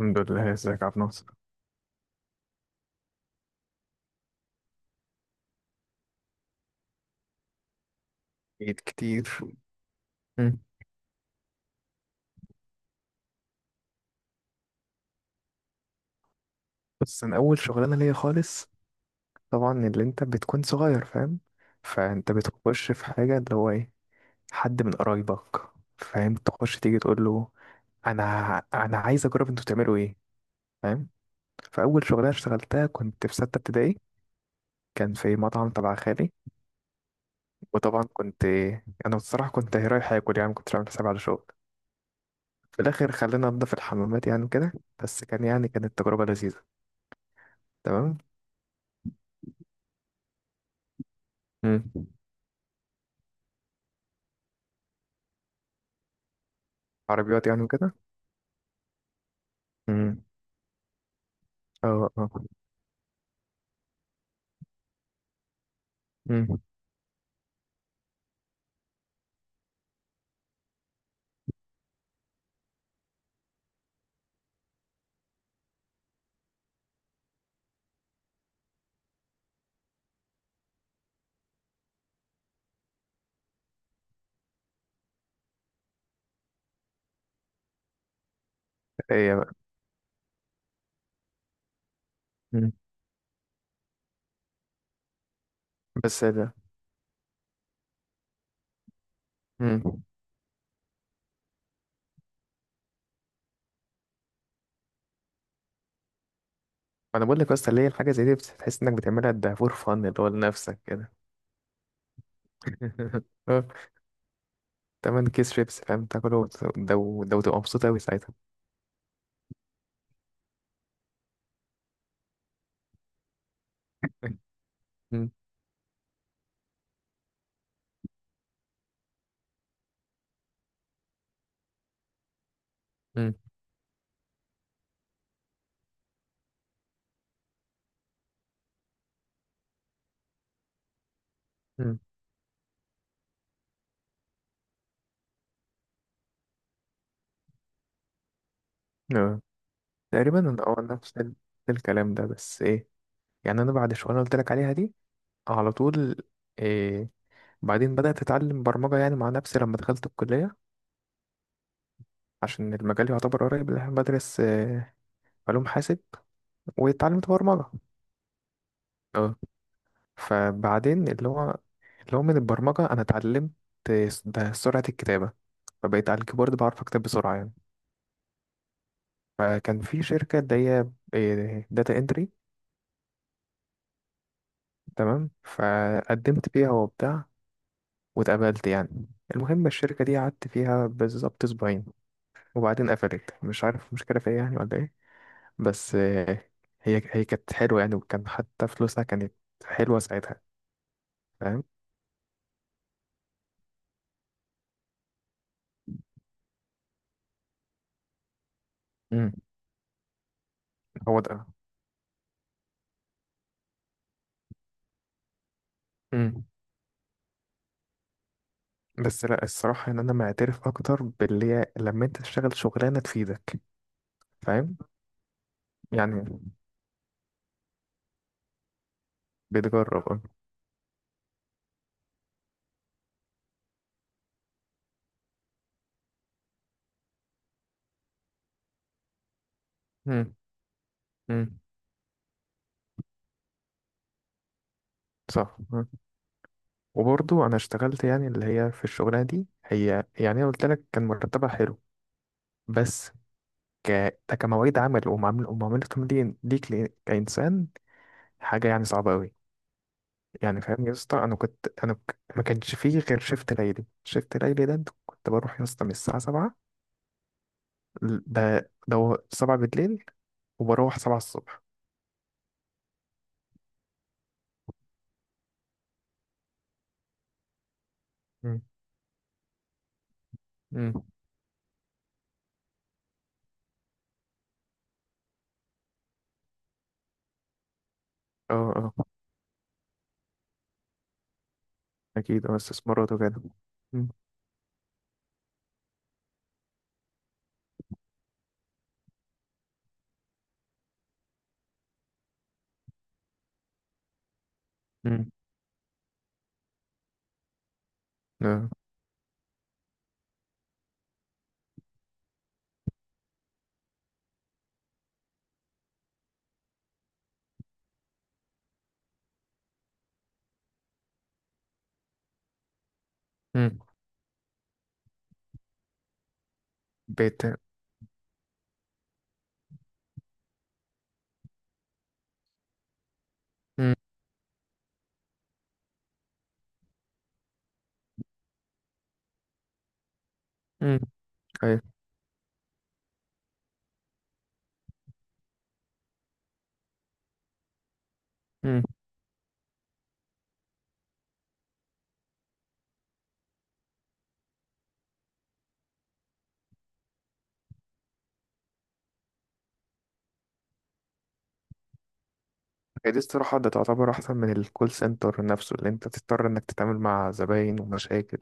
الحمد لله، ازيك يا عبد الناصر؟ اكيد كتير. مم. بس انا اول شغلانه ليا خالص. طبعا، اللي انت بتكون صغير فاهم. فانت بتخش في حاجه اللي هو ايه، حد من قرايبك، فاهم، تخش تيجي تقول له، انا انا عايز اجرب. انتوا بتعملوا ايه؟ فاهم. فاول شغلانه اشتغلتها كنت في سته ابتدائي. كان في مطعم تبع خالي. وطبعا كنت، انا الصراحه كنت رايح اكل يعني ما كنتش عامل حسابي على شغل. في الاخر خلينا ننضف الحمامات يعني كده. بس كان، يعني كانت تجربه لذيذه. تمام. مم. عربيات يعني وكده. امم. اه، اه. امم. ايه بقى؟ امم. بس إيه ده؟ امم. انا بقول لك، اصل ليه الحاجه زي دي بتحس انك بتعملها ده فور فن اللي هو لنفسك كده. اه. تمن كيس شيبس فاهم تاكله ده وده وتبقى مبسوط قوي ساعتها. امم. امم. امم. اه. تقريبا انا نفس الكلام ده، بس ايه، يعني انا بعد شويه قلت لك عليها دي، على طول. إيه، بعدين بدأت أتعلم برمجة يعني مع نفسي لما دخلت الكلية. عشان المجال يعتبر قريب اللي احنا بدرس، علوم حاسب. واتعلمت برمجة. اه. فبعدين اللي هو من البرمجة أنا اتعلمت ده سرعة الكتابة. فبقيت على الكيبورد بعرف أكتب بسرعة يعني. فكان في شركة اللي هي داتا انتري. تمام، فقدمت فيها وبتاع. واتقبلت يعني. المهم، الشركة دي قعدت فيها بالظبط أسبوعين. وبعدين قفلت، مش عارف مشكلة فيا يعني ولا إيه. بس هي كانت حلوة يعني، وكان حتى فلوسها كانت حلوة ساعتها. فاهم. امم. هو ده. امم. بس لا، الصراحة ان انا معترف اكتر باللي هي لما انت تشتغل شغلانة تفيدك. فاهم. يعني، بتجرب اه. مم، مم، صح. مم. وبرضو انا اشتغلت يعني اللي هي في الشغلانة دي هي، يعني انا قلت لك كان مرتبها حلو. بس، ك ده كمواعيد عمل ومعاملتهم ليك كإنسان، حاجة يعني صعبة قوي. يعني فاهم يا اسطى، انا كنت ما كانش فيه غير شيفت ليلي شيفت ليلي ده كنت بروح يا اسطى من الساعة 7. ده 7 بالليل، وبروح سبعة الصبح. مم. مم. اه، اه. أكيد، اه استثمارات وكده. مم. مم. اه. مم. بيت. مم. مم. أيوة. مم. هي دي الصراحة، ده تعتبر أحسن من الكول سنتر نفسه اللي أنت تضطر إنك تتعامل مع زباين ومشاكل.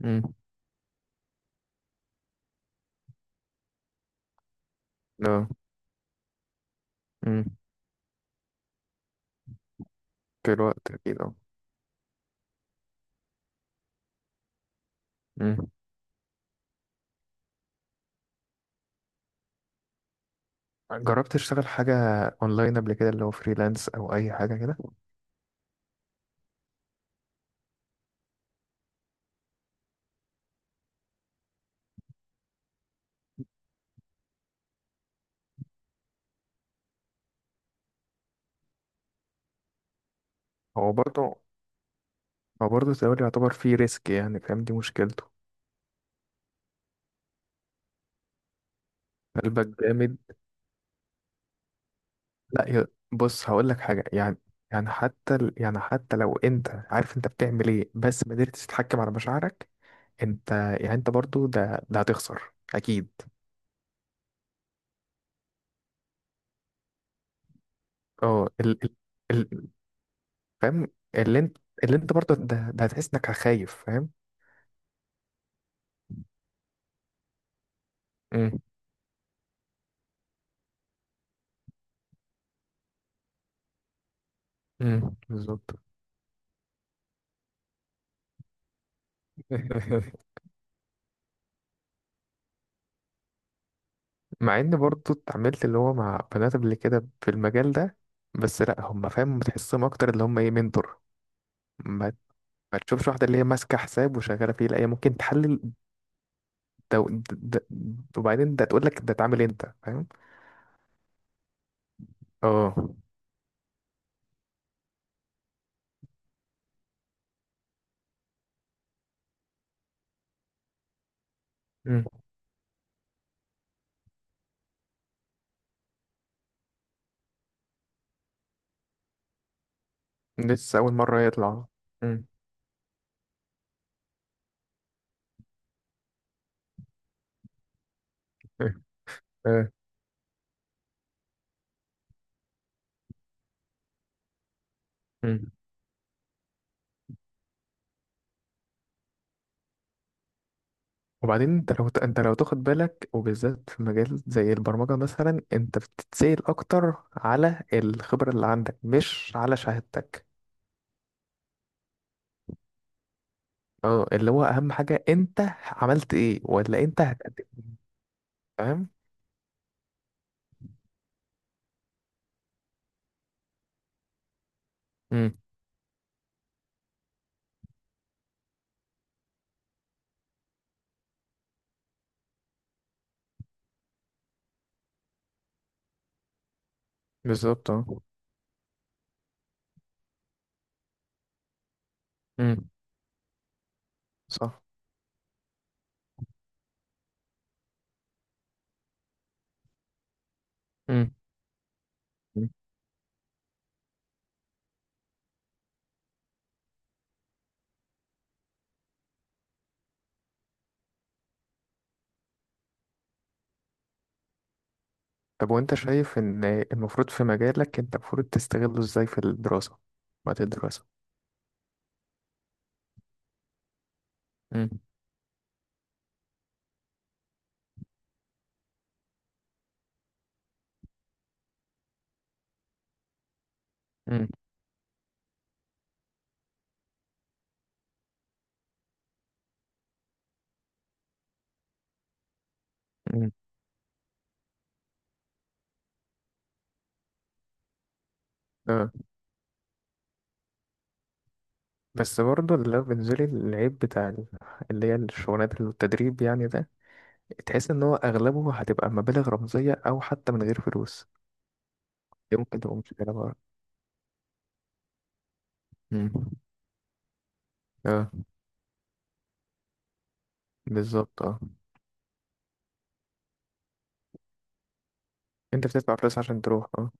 مم. اه. مم. في الوقت أكيد اه. مم. جربت تشتغل حاجة أونلاين قبل كده، اللي هو فريلانس أو أي حاجة كده؟ هو برضه هو برضه التداول يعتبر فيه ريسك يعني، فاهم دي مشكلته. قلبك جامد. لا، بص هقول لك حاجه، يعني يعني حتى لو انت عارف انت بتعمل ايه بس ما قدرتش تتحكم على مشاعرك، انت يعني انت برضو ده هتخسر اكيد. اه ال فاهم. اللي انت اللي انت برضو ده هتحس انك خايف، فاهم. امم. امم، بالظبط. مع ان برضو اتعاملت اللي هو مع بنات قبل كده في المجال ده. بس لا، هم فاهم بتحسهم اكتر اللي هم ايه، منتور. ما ما تشوفش واحده اللي هي ماسكه حساب وشغاله فيه، لا هي ممكن تحلل. ده, ده وبعدين ده تقول لك ده اتعمل انت، فاهم. اه. مم. لسه اول مره يطلع. مم. اه. مم. وبعدين انت لو تاخد بالك، وبالذات في مجال زي البرمجه مثلا انت بتتسأل اكتر على الخبره اللي عندك مش على شهادتك. اه، اللي هو اهم حاجه انت عملت ايه، ولا انت هتقدم. فاهم. امم، بالظبط اه. امم. صح. امم. طب، وانت شايف ان المفروض في مجالك انت المفروض تستغله ازاي في الدراسة، وقت الدراسة؟ مم. مم. مم. اه. بس برضه اللي هو بالنسبة لي العيب بتاع اللي هي الشغلانات اللي التدريب يعني ده، تحس ان هو اغلبه هتبقى مبالغ رمزية او حتى من غير فلوس. دي ممكن تبقى مشكلة بقى. مم. اه، اه، بالظبط اه. انت بتدفع فلوس عشان تروح اه.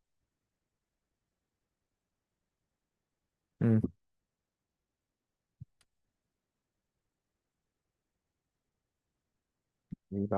مم.